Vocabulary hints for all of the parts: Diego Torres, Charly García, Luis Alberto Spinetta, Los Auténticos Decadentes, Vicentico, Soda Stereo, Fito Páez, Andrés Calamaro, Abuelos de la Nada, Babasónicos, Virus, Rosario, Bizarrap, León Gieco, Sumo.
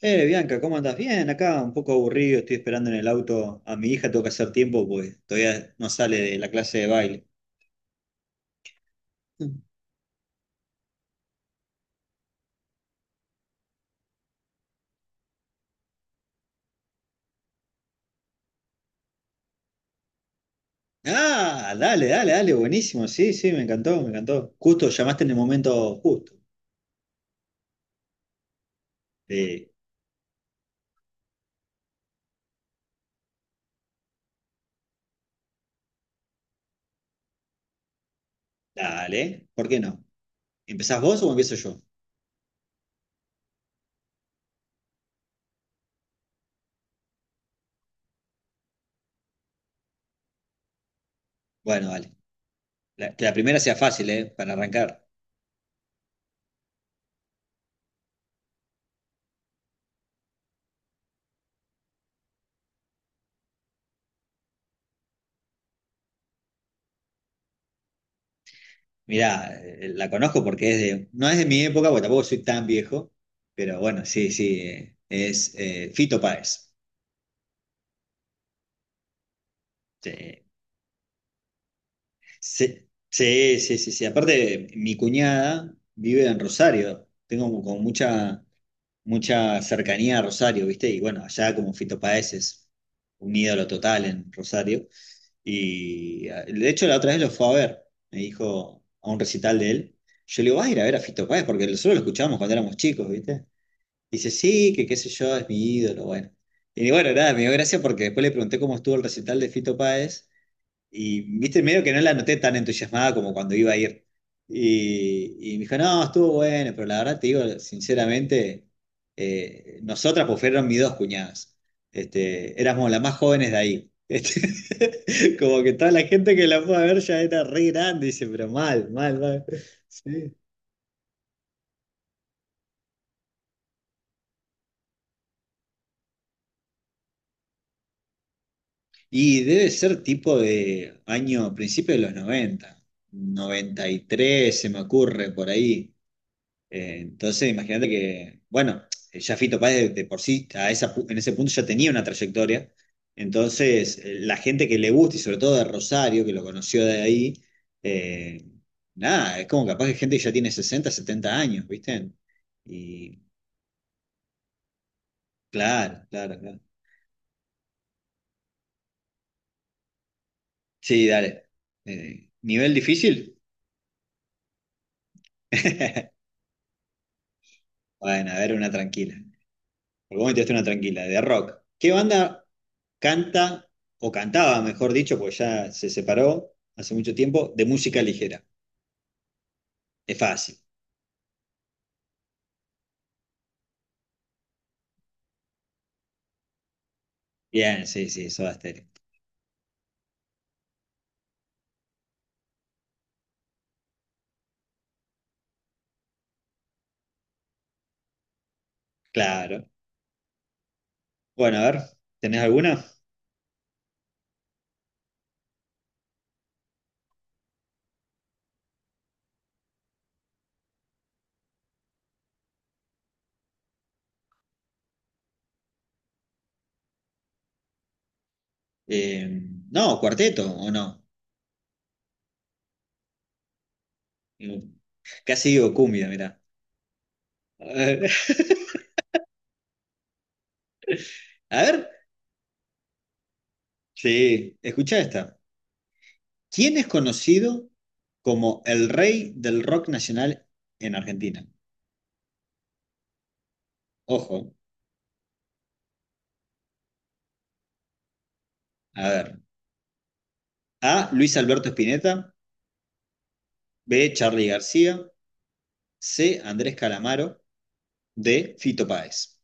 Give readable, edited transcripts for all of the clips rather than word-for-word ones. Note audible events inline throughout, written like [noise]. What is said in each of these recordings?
Bianca, ¿cómo andás? Bien, acá un poco aburrido, estoy esperando en el auto a mi hija, tengo que hacer tiempo porque todavía no sale de la clase de baile. Mm. Ah, dale, dale, dale, buenísimo, sí, sí, me encantó, me encantó. Justo, llamaste en el momento justo. Eh, Dale, ¿por qué no? ¿Empezás vos o empiezo yo? Bueno, dale. Que la primera sea fácil, ¿eh? Para arrancar. Mirá, la conozco porque no es de mi época, porque tampoco soy tan viejo, pero bueno, sí, sí, es Fito Páez. Sí. Sí, sí, sí, sí, sí. Aparte, mi cuñada vive en Rosario. Tengo como mucha cercanía a Rosario, ¿viste? Y bueno, allá como Fito Páez es un ídolo total en Rosario. Y, de hecho, la otra vez lo fue a ver. Me dijo a un recital de él. Yo le digo, vas a ir a ver a Fito Páez porque nosotros lo escuchábamos cuando éramos chicos, ¿viste? Dice, sí, que qué sé yo, es mi ídolo, bueno. Y bueno, nada, me dio gracia porque después le pregunté cómo estuvo el recital de Fito Páez. Y viste, medio que no la noté tan entusiasmada como cuando iba a ir. Y me dijo, no, estuvo bueno, pero la verdad te digo, sinceramente, nosotras, pues fueron mis dos cuñadas. Éramos las más jóvenes de ahí. [laughs] Como que toda la gente que la fue a ver ya era re grande, dice, pero mal, mal, mal. Sí. Y debe ser tipo de año, principio de los noventa, noventa y tres se me ocurre por ahí. Entonces, imagínate que, bueno, ya Fito Páez de por sí, en ese punto ya tenía una trayectoria. Entonces, la gente que le gusta, y sobre todo de Rosario, que lo conoció de ahí, eh, nada, es como capaz que gente que ya tiene 60 70 años, ¿viste? Y claro, claro, claro. Sí, dale. ¿Nivel difícil? [laughs] Bueno, a ver, una tranquila. Por vos me tiraste una tranquila, de rock. ¿Qué banda canta, o cantaba, mejor dicho, porque ya se separó hace mucho tiempo, de música ligera? Es fácil. Bien, sí, sí, Soda Stereo. Claro. Bueno, a ver, ¿tenés alguna? Eh, no, cuarteto, ¿o no? Casi digo cumbia, mirá. A ver, [laughs] a ver. Sí, escucha esta. ¿Quién es conocido como el rey del rock nacional en Argentina? Ojo, a ver. A, Luis Alberto Spinetta. B, Charly García. C, Andrés Calamaro. De Fito Páez.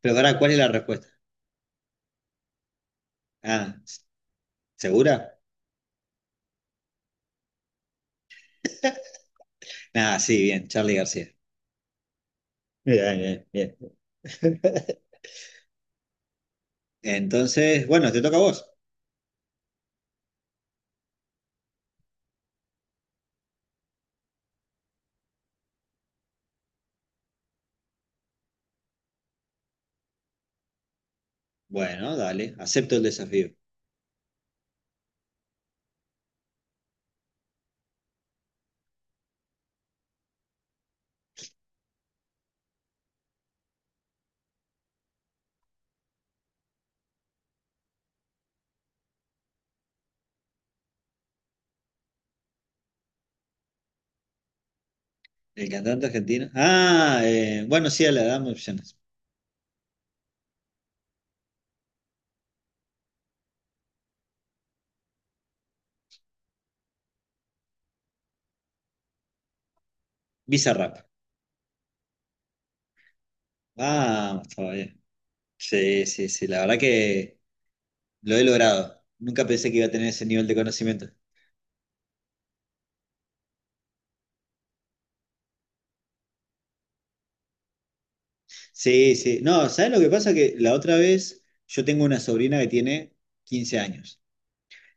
Pero ahora, ¿cuál es la respuesta? Ah, ¿segura? Ah, sí, bien, Charlie García. Bien, bien, bien. [laughs] Entonces, bueno, te toca a vos. Bueno, dale, acepto el desafío. El cantante argentino. Ah, bueno, sí, le damos opciones. Bizarrap. Vamos, todavía. Sí, sí, sí, la verdad que lo he logrado. Nunca pensé que iba a tener ese nivel de conocimiento. Sí, sí. No, ¿sabes lo que pasa? Que la otra vez yo tengo una sobrina que tiene 15 años.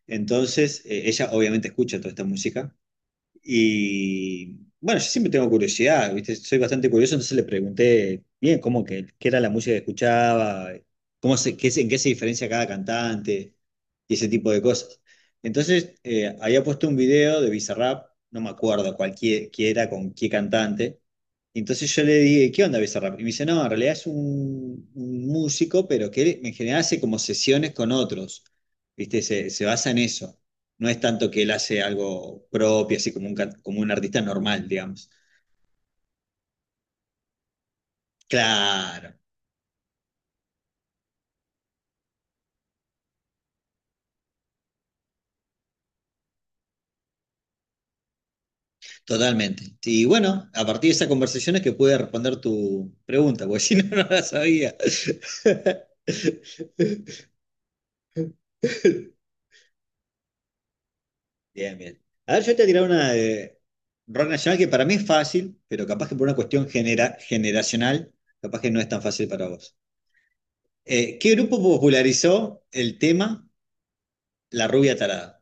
Entonces, ella obviamente escucha toda esta música y bueno, yo siempre tengo curiosidad, ¿viste? Soy bastante curioso, entonces le pregunté bien cómo que, qué era la música que escuchaba, cómo se, qué, se- en qué se diferencia cada cantante y ese tipo de cosas. Entonces, había puesto un video de Bizarrap, no me acuerdo cualquiera qué era con qué cantante. Y entonces yo le dije, ¿qué onda Bizarrap? Y me dice, no, en realidad es un músico, pero que en general hace como sesiones con otros, ¿viste? Se basa en eso. No es tanto que él hace algo propio, así como como un artista normal, digamos. Claro, totalmente. Y bueno, a partir de esa conversación es que pude responder tu pregunta, porque si no, [laughs] no la sabía. [laughs] Bien, bien. A ver, yo te voy a tirar una de rock nacional que para mí es fácil, pero capaz que por una cuestión generacional, capaz que no es tan fácil para vos. ¿Qué grupo popularizó el tema La rubia tarada?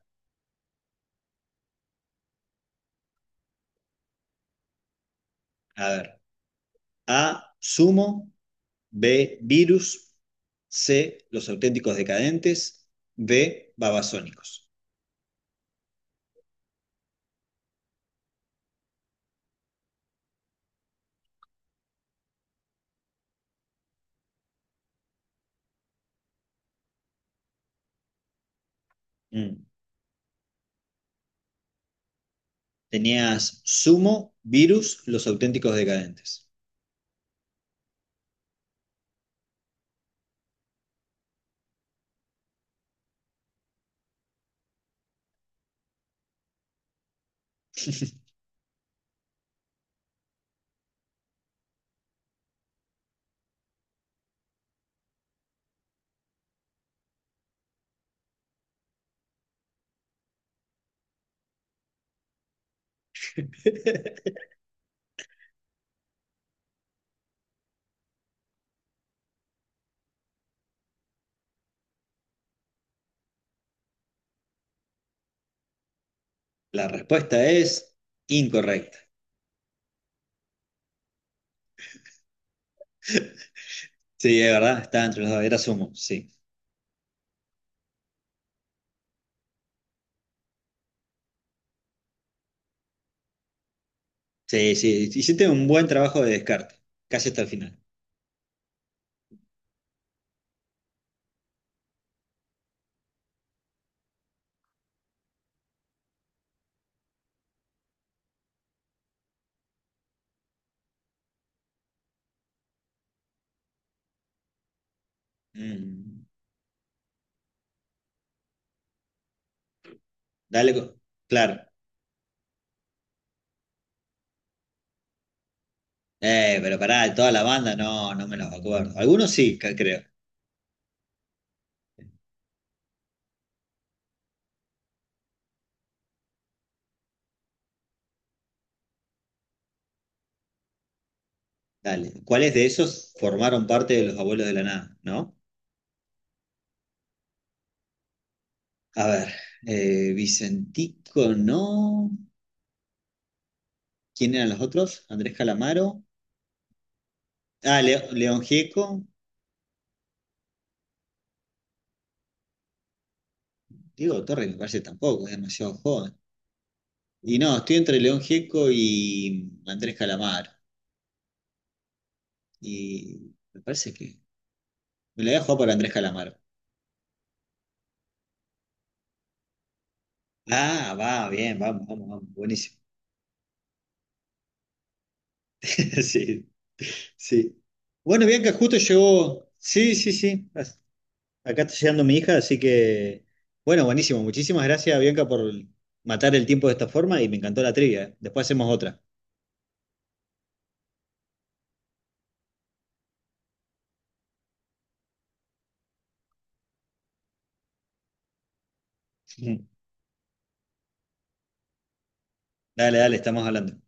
A ver, A, Sumo, B, Virus. C, Los Auténticos Decadentes. D, Babasónicos. Mm. Tenías Sumo, Virus, Los Auténticos Decadentes. [laughs] La respuesta es incorrecta. Sí, es verdad, estaba entre los dos, era Sumo, sí. Sí, sí, hiciste un buen trabajo de descarte, casi hasta el final. Mm. Dale, claro. Pero pará, de toda la banda no, no me los acuerdo. Algunos sí, creo. Dale. ¿Cuáles de esos formaron parte de los abuelos de la nada, no? A ver, Vicentico, no. ¿Quién eran los otros? Andrés Calamaro. Ah, León Gieco. Diego Torres me parece tampoco, es demasiado joven. Y no, estoy entre León Gieco y Andrés Calamaro. Y me parece que me la voy a jugar por Andrés Calamaro. Ah, va, bien, vamos, vamos, vamos. Buenísimo. [laughs] Sí, sí. Bueno, Bianca, justo llegó. Sí, sí, sí. Acá está llegando mi hija, así que, bueno, buenísimo. Muchísimas gracias, Bianca, por matar el tiempo de esta forma y me encantó la trivia. Después hacemos otra. [laughs] Dale, dale, estamos hablando.